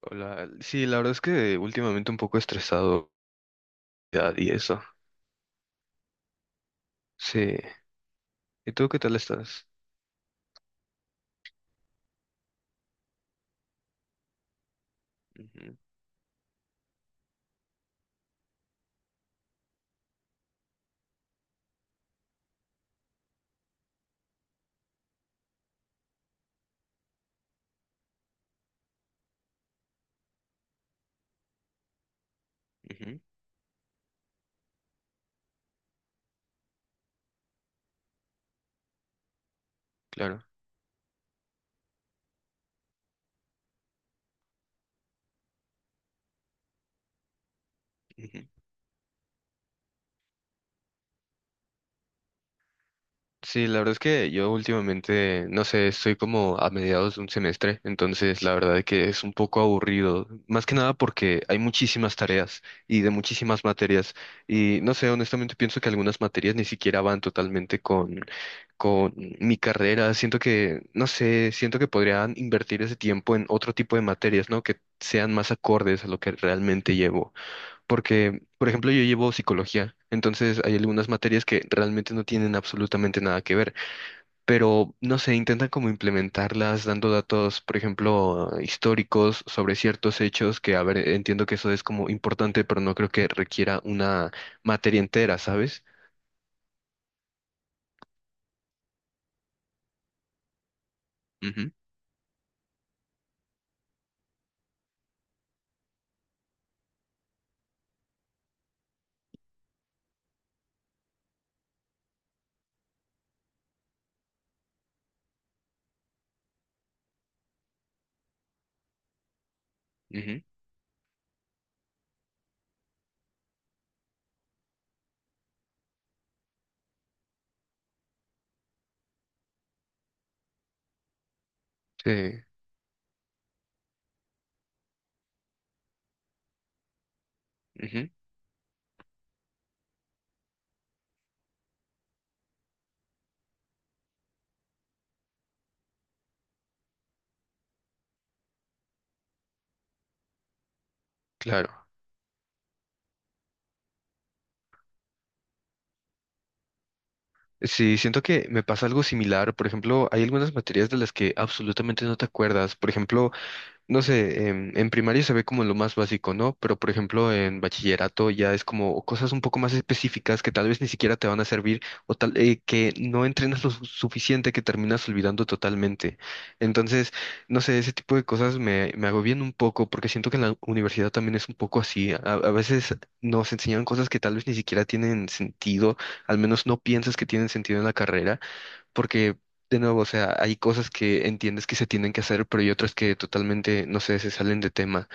Hola, sí, la verdad es que últimamente un poco estresado ya, y eso. Sí. ¿Y tú qué tal estás? Ujú, ujú, claro. Sí, la verdad es que yo últimamente, no sé, estoy como a mediados de un semestre, entonces la verdad es que es un poco aburrido, más que nada porque hay muchísimas tareas y de muchísimas materias y no sé, honestamente pienso que algunas materias ni siquiera van totalmente con mi carrera, siento que, no sé, siento que podrían invertir ese tiempo en otro tipo de materias, ¿no? Que sean más acordes a lo que realmente llevo. Porque, por ejemplo, yo llevo psicología, entonces hay algunas materias que realmente no tienen absolutamente nada que ver, pero no sé, intentan como implementarlas dando datos, por ejemplo, históricos sobre ciertos hechos que, a ver, entiendo que eso es como importante, pero no creo que requiera una materia entera, ¿sabes? Ujú, ujú, sí, ujú, claro. Sí, siento que me pasa algo similar. Por ejemplo, hay algunas materias de las que absolutamente no te acuerdas. Por ejemplo, no sé, en, primaria se ve como lo más básico, ¿no? Pero por ejemplo, en bachillerato ya es como cosas un poco más específicas que tal vez ni siquiera te van a servir o tal que no entrenas lo suficiente que terminas olvidando totalmente. Entonces, no sé, ese tipo de cosas me agobian un poco porque siento que en la universidad también es un poco así. A veces nos enseñan cosas que tal vez ni siquiera tienen sentido, al menos no piensas que tienen sentido en la carrera porque, de nuevo, o sea, hay cosas que entiendes que se tienen que hacer, pero hay otras que totalmente, no sé, se salen de tema.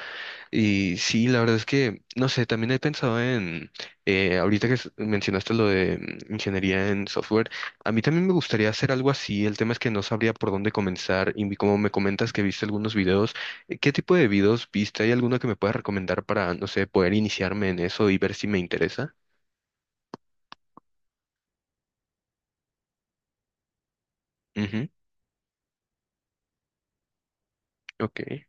Y sí, la verdad es que, no sé, también he pensado en, ahorita que mencionaste lo de ingeniería en software, a mí también me gustaría hacer algo así. El tema es que no sabría por dónde comenzar y como me comentas que viste algunos videos, ¿qué tipo de videos viste? ¿Hay alguno que me puedas recomendar para, no sé, poder iniciarme en eso y ver si me interesa? Ujú, ok.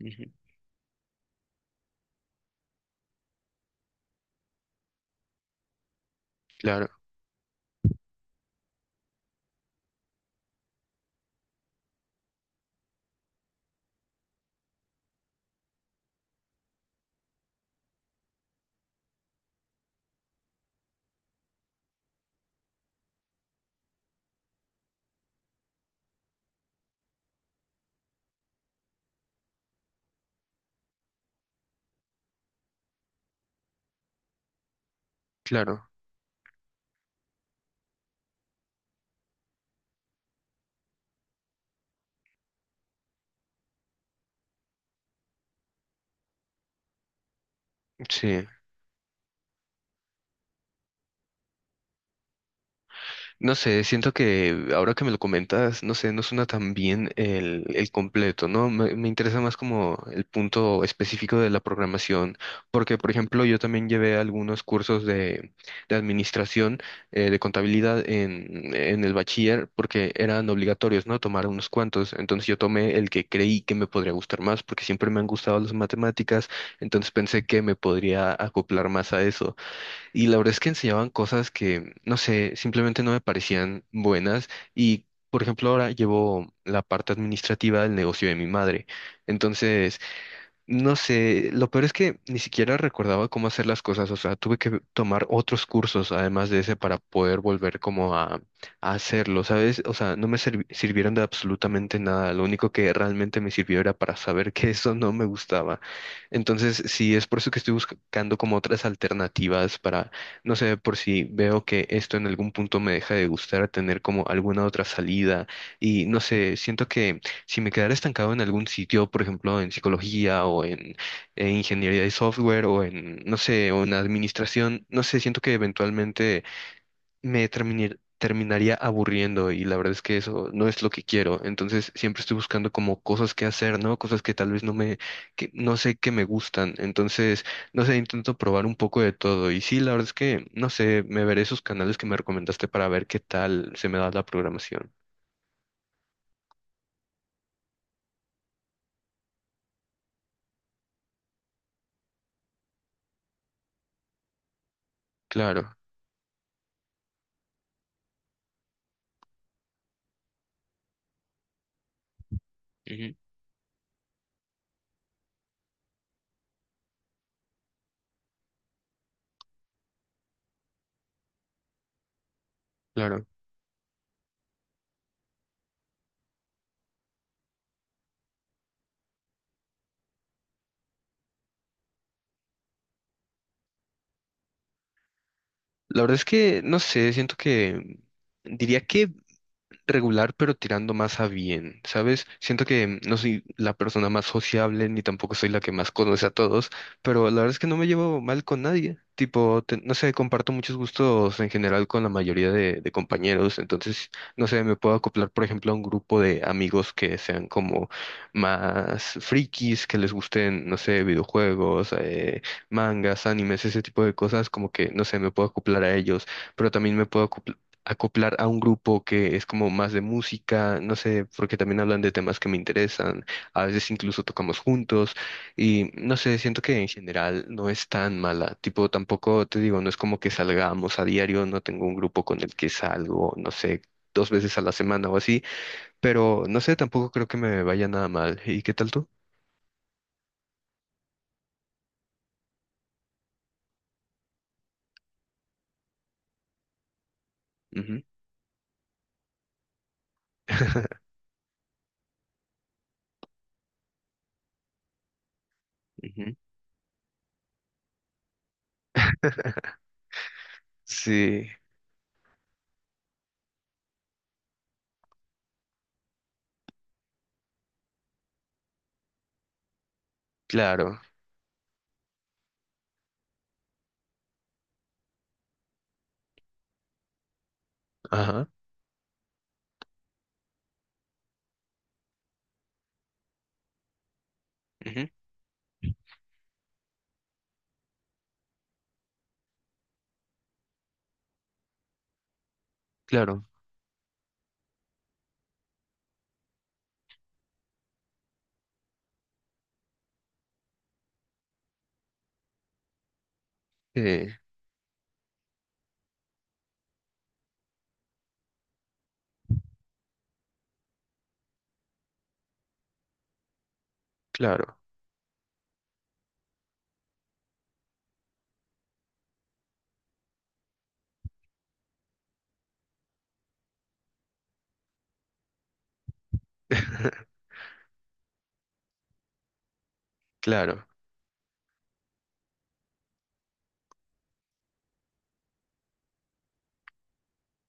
Ujú, claro, claro. Sí. No sé, siento que ahora que me lo comentas, no sé, no suena tan bien el completo, ¿no? Me interesa más como el punto específico de la programación, porque, por ejemplo, yo también llevé algunos cursos de, administración, de contabilidad en el bachiller, porque eran obligatorios, ¿no? Tomar unos cuantos. Entonces yo tomé el que creí que me podría gustar más, porque siempre me han gustado las matemáticas, entonces pensé que me podría acoplar más a eso y la verdad es que enseñaban cosas que, no sé, simplemente no me parecían buenas. Y, por ejemplo, ahora llevo la parte administrativa del negocio de mi madre. Entonces, no sé, lo peor es que ni siquiera recordaba cómo hacer las cosas, o sea, tuve que tomar otros cursos además de ese para poder volver como a hacerlo, ¿sabes? O sea, no me sirvieron de absolutamente nada, lo único que realmente me sirvió era para saber que eso no me gustaba. Entonces, sí, es por eso que estoy buscando como otras alternativas para, no sé, por si veo que esto en algún punto me deja de gustar, tener como alguna otra salida y no sé, siento que si me quedara estancado en algún sitio, por ejemplo, en psicología o en, ingeniería de software o en, no sé, o en administración, no sé, siento que eventualmente me terminaría aburriendo y la verdad es que eso no es lo que quiero. Entonces siempre estoy buscando como cosas que hacer, ¿no? Cosas que tal vez no me, que no sé que me gustan. Entonces, no sé, intento probar un poco de todo. Y sí, la verdad es que, no sé, me veré esos canales que me recomendaste para ver qué tal se me da la programación. Claro. Ujú. Claro. La verdad es que, no sé, siento que diría que regular, pero tirando más a bien, ¿sabes? Siento que no soy la persona más sociable, ni tampoco soy la que más conoce a todos, pero la verdad es que no me llevo mal con nadie. Tipo, no sé, comparto muchos gustos en general con la mayoría de, compañeros, entonces, no sé, me puedo acoplar, por ejemplo, a un grupo de amigos que sean como más frikis, que les gusten, no sé, videojuegos, mangas, animes, ese tipo de cosas, como que, no sé, me puedo acoplar a ellos pero también me puedo acoplar a un grupo que es como más de música, no sé, porque también hablan de temas que me interesan, a veces incluso tocamos juntos y no sé, siento que en general no es tan mala, tipo tampoco te digo, no es como que salgamos a diario, no tengo un grupo con el que salgo, no sé, 2 veces a la semana o así, pero no sé, tampoco creo que me vaya nada mal. ¿Y qué tal tú? Ujú. Ujú. Sí, claro, ajá, ujú, claro, sí, claro, claro,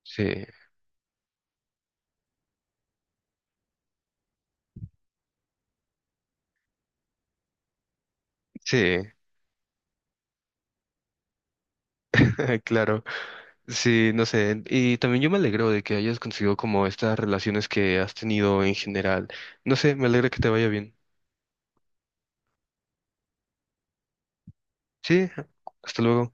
sí. Sí, claro. Sí, no sé. Y también yo me alegro de que hayas conseguido como estas relaciones que has tenido en general. No sé, me alegra que te vaya bien. Sí, hasta luego.